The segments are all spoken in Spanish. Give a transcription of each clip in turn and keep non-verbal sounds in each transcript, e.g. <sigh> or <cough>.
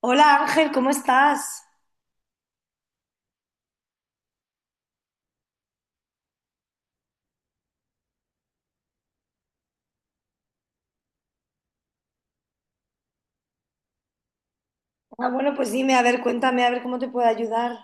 Hola Ángel, ¿cómo estás? Ah, bueno, pues dime, a ver, cuéntame, a ver cómo te puedo ayudar.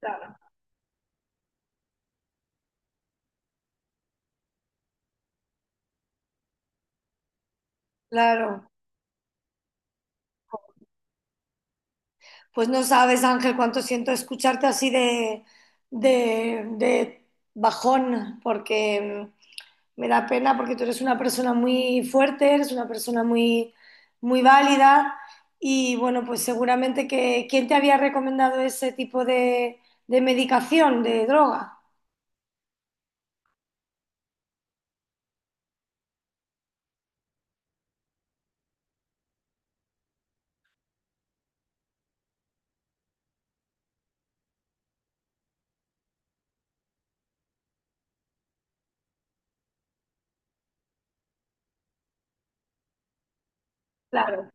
Claro. Claro, pues no sabes Ángel cuánto siento escucharte así de bajón, porque me da pena porque tú eres una persona muy fuerte, eres una persona muy, muy válida y bueno, pues seguramente que ¿quién te había recomendado ese tipo de medicación, de droga? Claro.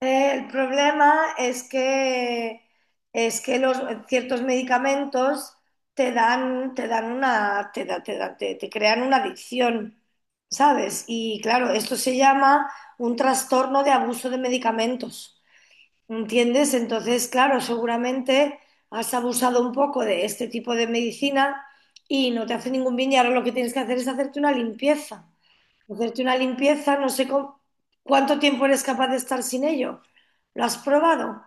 El problema es que ciertos medicamentos te crean una adicción, ¿sabes? Y claro, esto se llama un trastorno de abuso de medicamentos, ¿entiendes? Entonces, claro, seguramente has abusado un poco de este tipo de medicina y no te hace ningún bien y ahora lo que tienes que hacer es hacerte una limpieza. Hacerte una limpieza, no sé cuánto tiempo eres capaz de estar sin ello. ¿Lo has probado?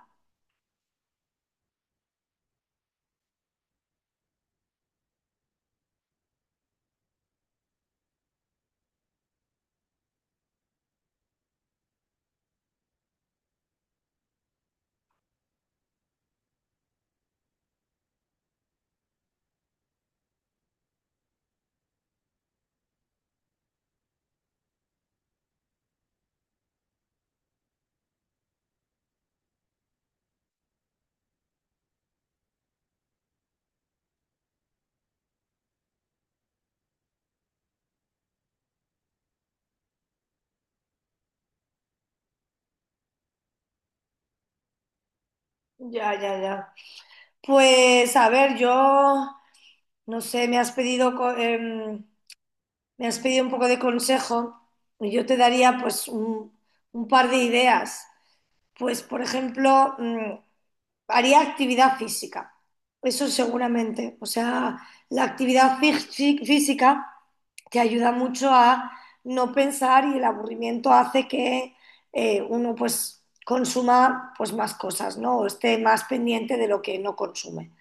Ya, ya, ya. Pues a ver, yo no sé, me has pedido un poco de consejo y yo te daría pues un par de ideas. Pues por ejemplo, haría actividad física, eso seguramente. O sea, la actividad física te ayuda mucho a no pensar y el aburrimiento hace que uno pues consuma pues más cosas, ¿no? O esté más pendiente de lo que no consume.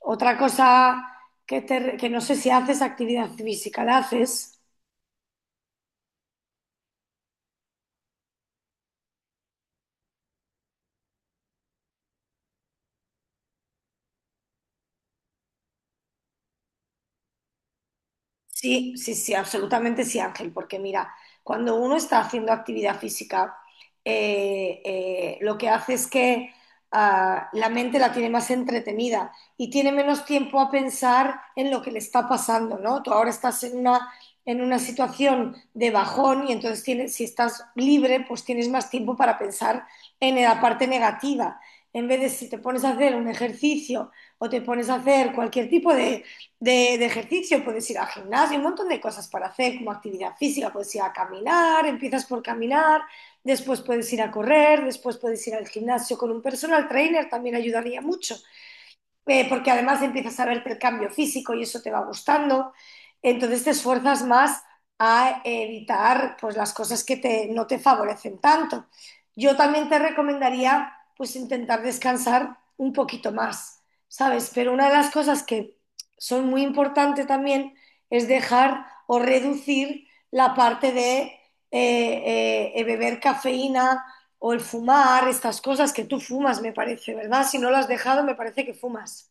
Otra cosa que no sé si haces actividad física, ¿la haces? Sí, sí, sí, absolutamente sí, Ángel, porque mira, cuando uno está haciendo actividad física, lo que hace es que la mente la tiene más entretenida y tiene menos tiempo a pensar en lo que le está pasando, ¿no? Tú ahora estás en una situación de bajón y entonces tienes, si estás libre, pues tienes más tiempo para pensar en la parte negativa. En vez de si te pones a hacer un ejercicio o te pones a hacer cualquier tipo de ejercicio, puedes ir al gimnasio, un montón de cosas para hacer, como actividad física, puedes ir a caminar, empiezas por caminar, después puedes ir a correr, después puedes ir al gimnasio con un personal trainer, también ayudaría mucho porque además empiezas a verte el cambio físico y eso te va gustando, entonces te esfuerzas más a evitar pues, las cosas que no te favorecen tanto. Yo también te recomendaría pues intentar descansar un poquito más, ¿sabes? Pero una de las cosas que son muy importantes también es dejar o reducir la parte de beber cafeína o el fumar, estas cosas que tú fumas, me parece, ¿verdad? Si no lo has dejado, me parece que fumas.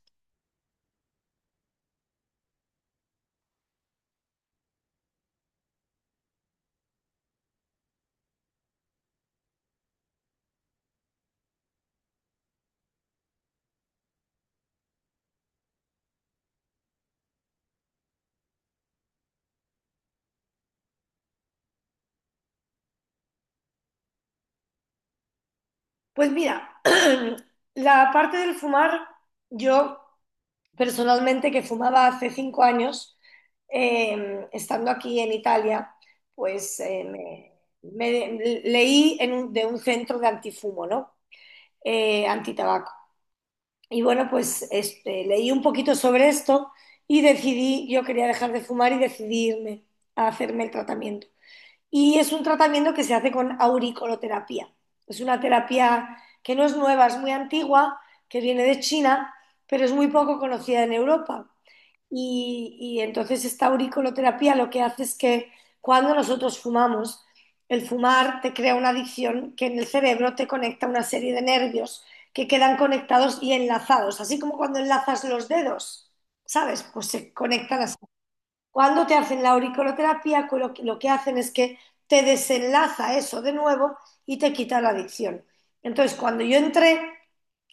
Pues mira, <clears throat> la parte del fumar, yo personalmente que fumaba hace 5 años, estando aquí en Italia, pues leí en de un centro de antifumo, ¿no? Antitabaco. Y bueno, pues este, leí un poquito sobre esto y decidí, yo quería dejar de fumar y decidí irme a hacerme el tratamiento. Y es un tratamiento que se hace con auriculoterapia. Es una terapia que no es nueva, es muy antigua, que viene de China, pero es muy poco conocida en Europa. Y entonces esta auriculoterapia lo que hace es que cuando nosotros fumamos, el fumar te crea una adicción que en el cerebro te conecta una serie de nervios que quedan conectados y enlazados, así como cuando enlazas los dedos, ¿sabes? Pues se conectan así. Cuando te hacen la auriculoterapia, lo que hacen es que te desenlaza eso de nuevo y te quita la adicción. Entonces, cuando yo entré,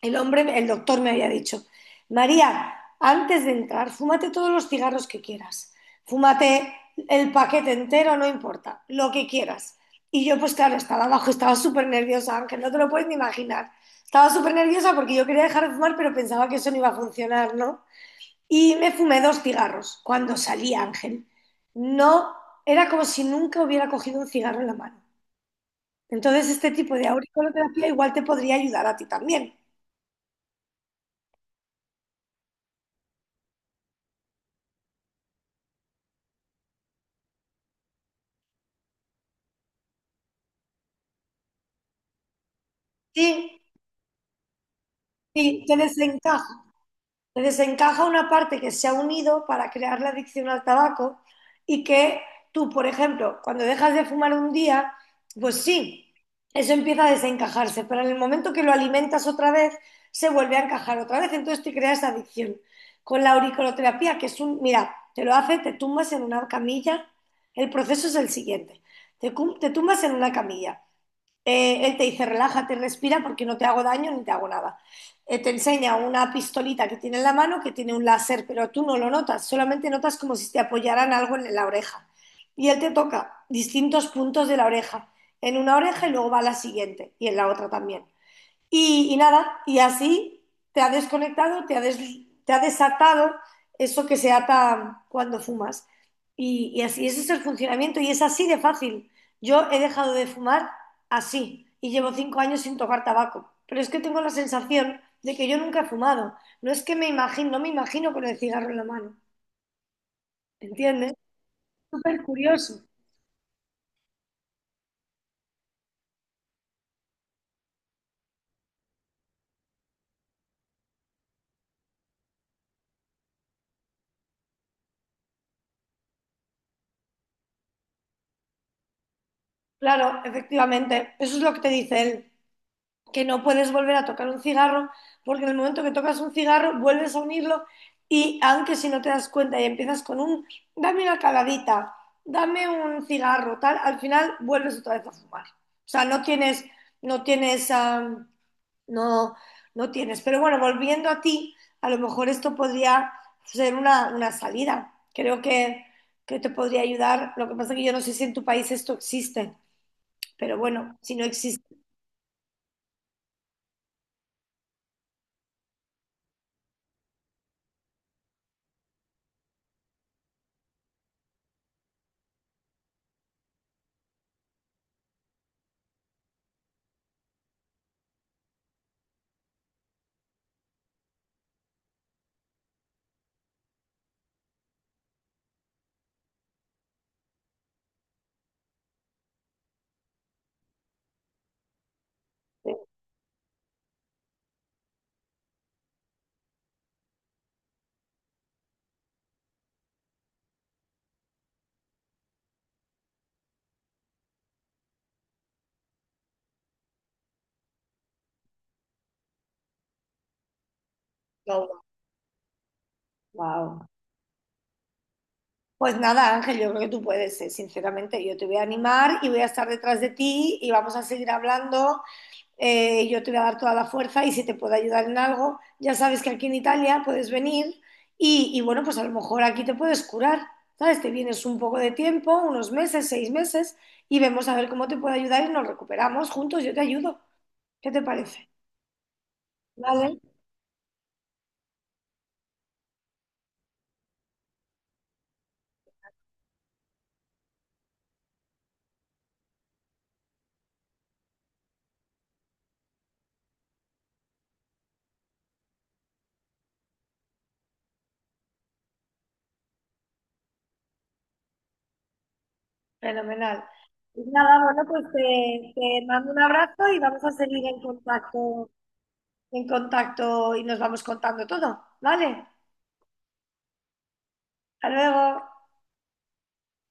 el hombre, el doctor me había dicho, María, antes de entrar, fúmate todos los cigarros que quieras, fúmate el paquete entero, no importa, lo que quieras. Y yo, pues claro, estaba abajo, estaba súper nerviosa, Ángel, no te lo puedes ni imaginar. Estaba súper nerviosa porque yo quería dejar de fumar, pero pensaba que eso no iba a funcionar, ¿no? Y me fumé dos cigarros cuando salí, Ángel. No, era como si nunca hubiera cogido un cigarro en la mano. Entonces, este tipo de auriculoterapia igual te podría ayudar a ti también. Sí, sí, te desencaja. Entonces se encaja una parte que se ha unido para crear la adicción al tabaco y que tú, por ejemplo, cuando dejas de fumar un día, pues sí, eso empieza a desencajarse, pero en el momento que lo alimentas otra vez, se vuelve a encajar otra vez, entonces te creas adicción. Con la auriculoterapia, que es mira, te lo hace, te tumbas en una camilla, el proceso es el siguiente, te tumbas en una camilla, él te dice, relájate, respira porque no te hago daño ni te hago nada. Te enseña una pistolita que tiene en la mano que tiene un láser, pero tú no lo notas, solamente notas como si te apoyaran algo en la oreja. Y él te toca distintos puntos de la oreja, en una oreja y luego va a la siguiente y en la otra también. Y nada, y así te ha desconectado, te ha desatado eso que se ata cuando fumas. Y así, ese es el funcionamiento y es así de fácil. Yo he dejado de fumar así y llevo 5 años sin tocar tabaco. Pero es que tengo la sensación de que yo nunca he fumado. No es que me imagino, no me imagino con el cigarro en la mano. ¿Entiendes? Súper curioso. Claro, efectivamente, eso es lo que te dice él, que no puedes volver a tocar un cigarro, porque en el momento que tocas un cigarro vuelves a unirlo y aunque si no te das cuenta y empiezas con un, dame una caladita, dame un cigarro, tal, al final vuelves otra vez a fumar. O sea, no tienes, no tienes, no, no tienes. Pero bueno, volviendo a ti, a lo mejor esto podría ser una salida. Creo que te podría ayudar. Lo que pasa es que yo no sé si en tu país esto existe, pero bueno, si no existe, no, wow. Pues nada, Ángel, yo creo que tú puedes, sinceramente. Yo te voy a animar y voy a estar detrás de ti y vamos a seguir hablando. Yo te voy a dar toda la fuerza y si te puedo ayudar en algo, ya sabes que aquí en Italia puedes venir y bueno, pues a lo mejor aquí te puedes curar, ¿sabes? Te vienes un poco de tiempo, unos meses, 6 meses, y vemos a ver cómo te puedo ayudar y nos recuperamos juntos. Yo te ayudo. ¿Qué te parece? Vale, fenomenal. Pues nada, bueno, pues te mando un abrazo y vamos a seguir en contacto y nos vamos contando todo, ¿vale? Hasta luego.